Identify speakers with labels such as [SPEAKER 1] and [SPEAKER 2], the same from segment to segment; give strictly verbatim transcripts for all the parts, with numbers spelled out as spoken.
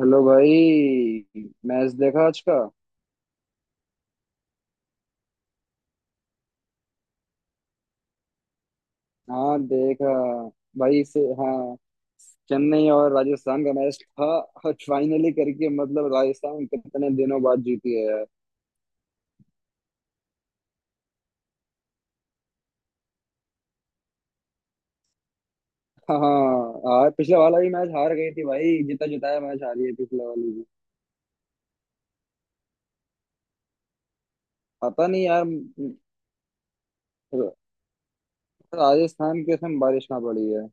[SPEAKER 1] Hello भाई। Match देखा आज का। हाँ देखा। भाई से हाँ। चेन्नई और राजस्थान का मैच था। और फाइनली करके मतलब राजस्थान कितने दिनों बाद जीती है यार। हाँ। हार पिछले वाला भी मैच हार गई थी भाई, जीता जिताया मैच हारी है पिछले वाली भी। पता नहीं यार। र- राजस्थान के उसमें बारिश ना पड़ी है।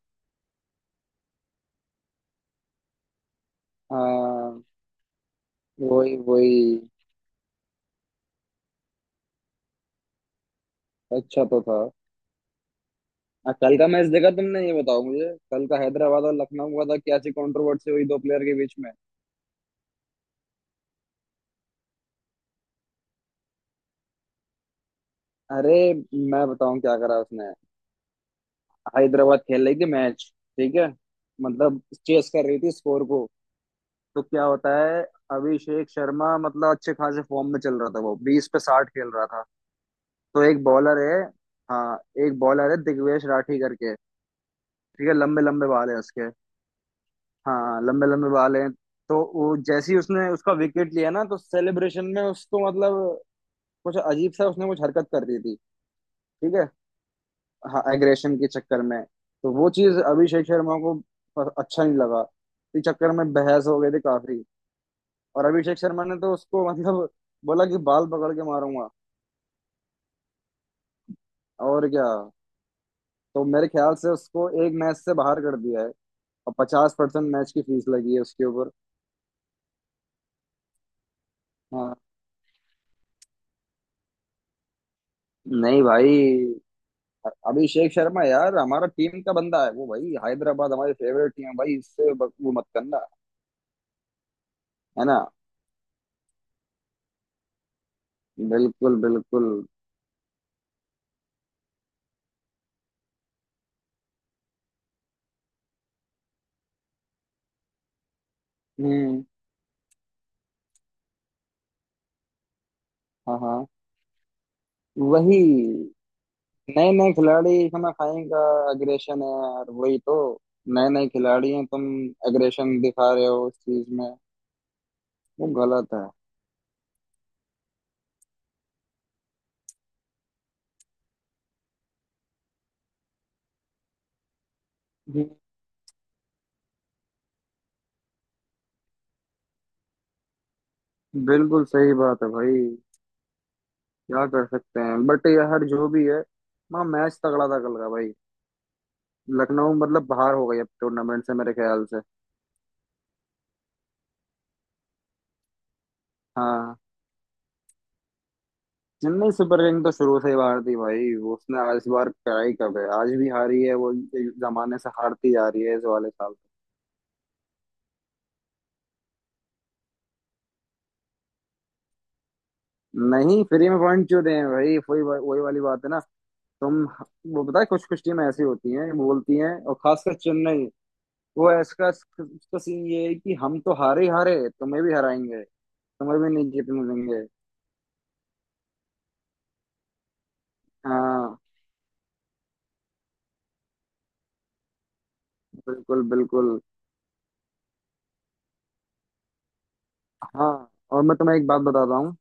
[SPEAKER 1] हाँ। वही वही। अच्छा तो था। हाँ, कल का मैच देखा तुमने, ये बताओ मुझे, कल का हैदराबाद और लखनऊ का था, क्या सी कंट्रोवर्सी हुई दो प्लेयर के बीच में। अरे मैं बताऊं क्या करा उसने। हैदराबाद खेल रही थी मैच। ठीक है। मतलब चेस कर रही थी स्कोर को। तो क्या होता है, अभिषेक शर्मा मतलब अच्छे खासे फॉर्म में चल रहा था, वो बीस पे साठ खेल रहा था। तो एक बॉलर है। हाँ, एक बॉलर है दिग्वेश राठी करके। ठीक है, लंबे लंबे बाल है उसके। हाँ, लंबे लंबे बाल हैं। तो वो जैसे ही उसने उसका विकेट लिया ना, तो सेलिब्रेशन में उसको मतलब कुछ अजीब सा उसने कुछ हरकत कर दी थी। ठीक है। हाँ, एग्रेशन के चक्कर में। तो वो चीज अभिषेक शर्मा को प- अच्छा नहीं लगा। इस चक्कर में बहस हो गई थी काफी। और अभिषेक शर्मा ने तो उसको मतलब बोला कि बाल पकड़ के मारूंगा और क्या। तो मेरे ख्याल से उसको एक मैच से बाहर कर दिया है और पचास परसेंट मैच की फीस लगी है उसके ऊपर। हाँ। नहीं भाई। अ- अभिषेक शर्मा यार हमारा टीम का बंदा है वो भाई, हैदराबाद हमारी फेवरेट टीम है भाई, इससे ब- वो मत करना। है ना। बिल्कुल बिल्कुल। हम्म। हाँ हाँ। वही। नए नए खिलाड़ी इसमें खाई का। अग्रेशन है यार वही तो। नए नए खिलाड़ी हैं तुम। अग्रेशन दिखा रहे हो उस चीज में। वो गलत है। हम्म, बिल्कुल सही बात है भाई। क्या कर सकते हैं बट यार जो भी है। वहाँ मैच तगड़ा था कल का भाई। लखनऊ मतलब बाहर हो गई अब टूर्नामेंट से मेरे ख्याल से। हाँ। चेन्नई सुपर किंग तो शुरू से ही बाहर थी भाई, उसने इस बार क्या ही, कब है, आज भी हारी है वो। जमाने से हारती जा रही है इस वाले साल। नहीं फ्री में पॉइंट क्यों दें भाई, वही वही वाली बात है ना। तुम। वो पता है कुछ कुछ टीम ऐसी होती हैं बोलती हैं और खासकर चेन्नई। वो इसका इसका सीन ये है कि हम तो हारे ही हारे तुम्हें भी हराएंगे। तुम्हें भी नहीं जीतने देंगे। हाँ। बिल्कुल बिल्कुल। हाँ और मैं तुम्हें एक बात बताता हूँ।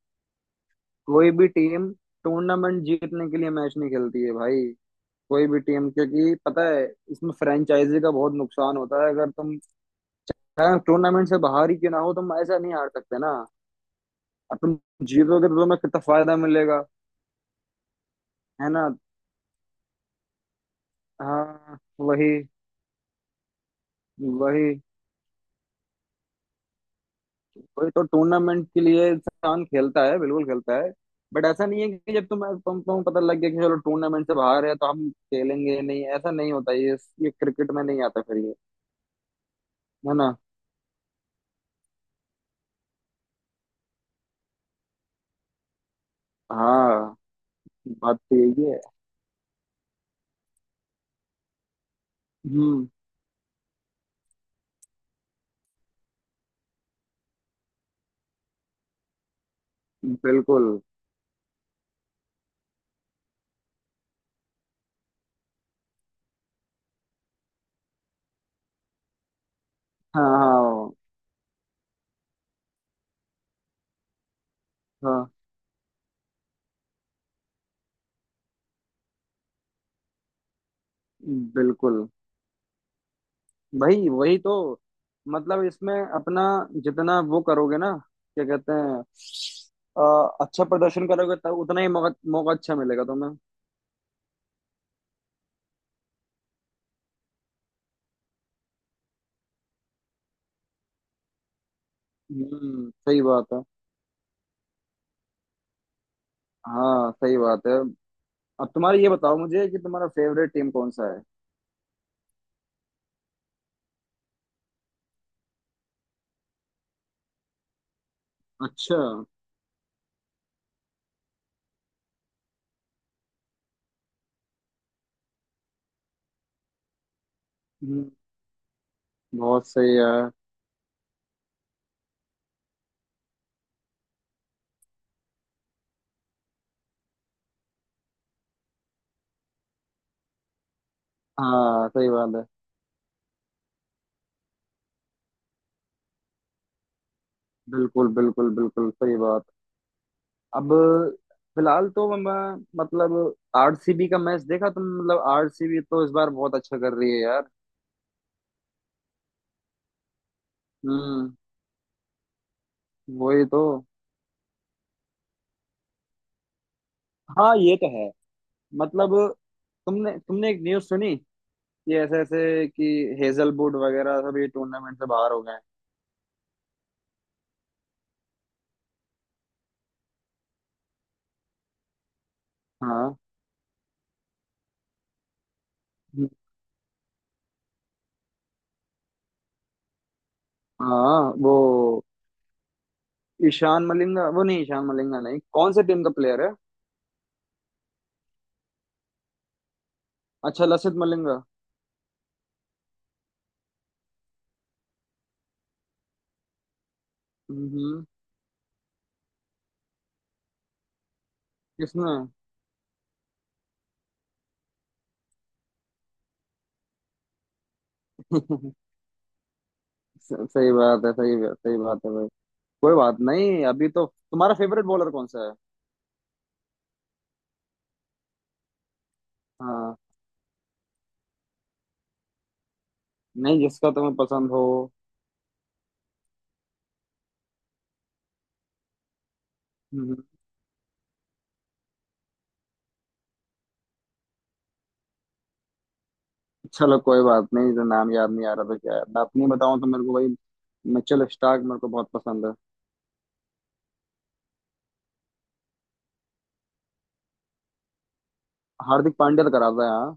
[SPEAKER 1] कोई भी टीम टूर्नामेंट जीतने के लिए मैच नहीं खेलती है भाई। कोई भी टीम, क्योंकि पता है इसमें फ्रेंचाइजी का बहुत नुकसान होता है, अगर तुम टूर्नामेंट से बाहर ही क्यों ना हो, तुम ऐसा नहीं हार सकते ना। अब तुम जीतोगे तो तुम्हें कितना फायदा मिलेगा। है ना। हाँ वही। वही वही तो टूर्नामेंट के लिए इंसान खेलता है, बिल्कुल खेलता है। बट ऐसा नहीं है कि जब तुम्हें तुम तुम पता लग गया कि चलो टूर्नामेंट से बाहर है तो हम खेलेंगे नहीं, ऐसा नहीं होता ये। ये क्रिकेट में नहीं आता फिर ये। है ना। हाँ बात तो यही है। हम्म। बिल्कुल। हाँ हाँ। हाँ बिल्कुल भाई वही तो। मतलब इसमें अपना जितना वो करोगे ना, क्या कहते हैं, अ, अच्छा प्रदर्शन करोगे तब उतना ही मौका मौका अच्छा मिलेगा तुम्हें। हम्म सही बात है। हाँ सही बात है। अब तुम्हारा ये बताओ मुझे कि तुम्हारा फेवरेट टीम कौन सा है। अच्छा। हम्म, बहुत सही है। हाँ सही बात है। बिल्कुल बिल्कुल बिल्कुल सही बात। अब फिलहाल तो मैं मतलब आरसीबी का मैच देखा तुम, मतलब आरसीबी तो इस बार बहुत अच्छा कर रही है यार। हम्म वही तो। हाँ ये तो है। मतलब तुमने तुमने एक न्यूज़ सुनी कि ऐसे ऐसे कि हेजलवुड वगैरह सभी टूर्नामेंट से बाहर हो गए हैं। हाँ। हाँ वो ईशान मलिंगा, वो नहीं, ईशान मलिंगा नहीं, कौन से टीम का प्लेयर है। अच्छा लसित मलिंगा। हम्म। किसने। स- सही बात है, सही बात, सही बात है भाई। कोई बात नहीं अभी तो। तुम्हारा फेवरेट बॉलर कौन सा है। हाँ नहीं जिसका तुम्हें पसंद हो। हम्म। चलो कोई बात नहीं, तो नाम याद नहीं आ रहा था क्या है, मैं अपनी बताऊं तो मेरे को भाई मिचेल स्टार्क मेरे को बहुत पसंद है। हार्दिक पांड्या तो कराता है हाँ।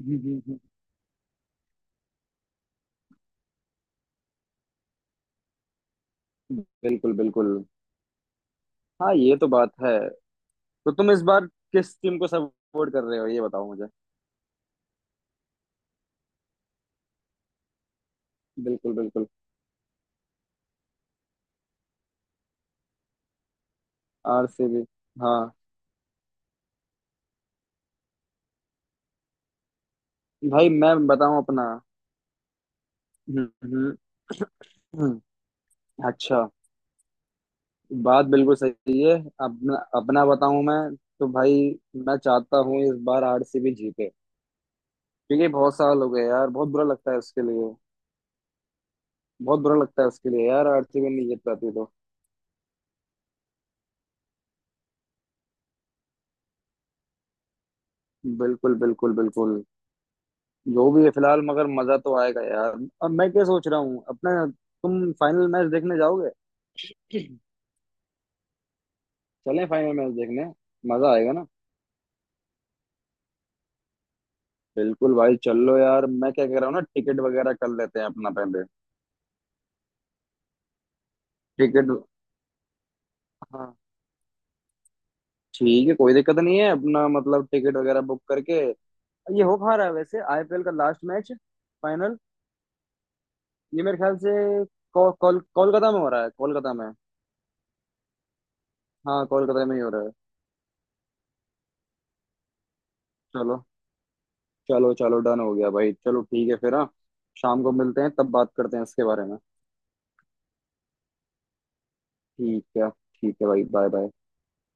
[SPEAKER 1] हम्म, हम्म, हम्म। बिल्कुल बिल्कुल। हाँ ये तो बात है। तो तुम इस बार किस टीम को सपोर्ट कर रहे हो ये बताओ मुझे। बिल्कुल बिल्कुल। आरसीबी, हाँ। भाई मैं बताऊं अपना। हम्म, हम्म, हम्म। अच्छा। बात बिल्कुल सही। अपना अपना बताऊं मैं तो भाई, मैं चाहता हूँ इस बार आरसीबी जीते। क्योंकि बहुत साल हो गए यार, बहुत बुरा लगता है उसके लिए। बहुत बुरा लगता है उसके लिए यार, आरसीबी नहीं जीत पाती तो। बिल्कुल बिल्कुल बिल्कुल। जो भी है फिलहाल, मगर मजा तो आएगा यार। अब मैं क्या सोच रहा हूँ अपना, तुम फाइनल मैच देखने जाओगे। चलें फाइनल मैच देखने। मजा आएगा ना। बिल्कुल भाई चल लो यार, मैं क्या कह रहा हूँ ना, टिकट वगैरह कर लेते हैं अपना पहले। टिकट। हाँ ठीक है कोई दिक्कत नहीं है अपना, मतलब टिकट वगैरह बुक करके। ये हो कहाँ रहा है वैसे, आईपीएल का लास्ट मैच, फाइनल। ये मेरे ख्याल से को, कोल कोलकाता में हो रहा है, कोलकाता में। हाँ कोलकाता में ही हो रहा है। चलो चलो चलो, डन हो गया भाई, चलो ठीक है फिर हाँ। शाम को मिलते हैं, तब बात करते हैं इसके बारे में। ठीक है ठीक है भाई, बाय बाय।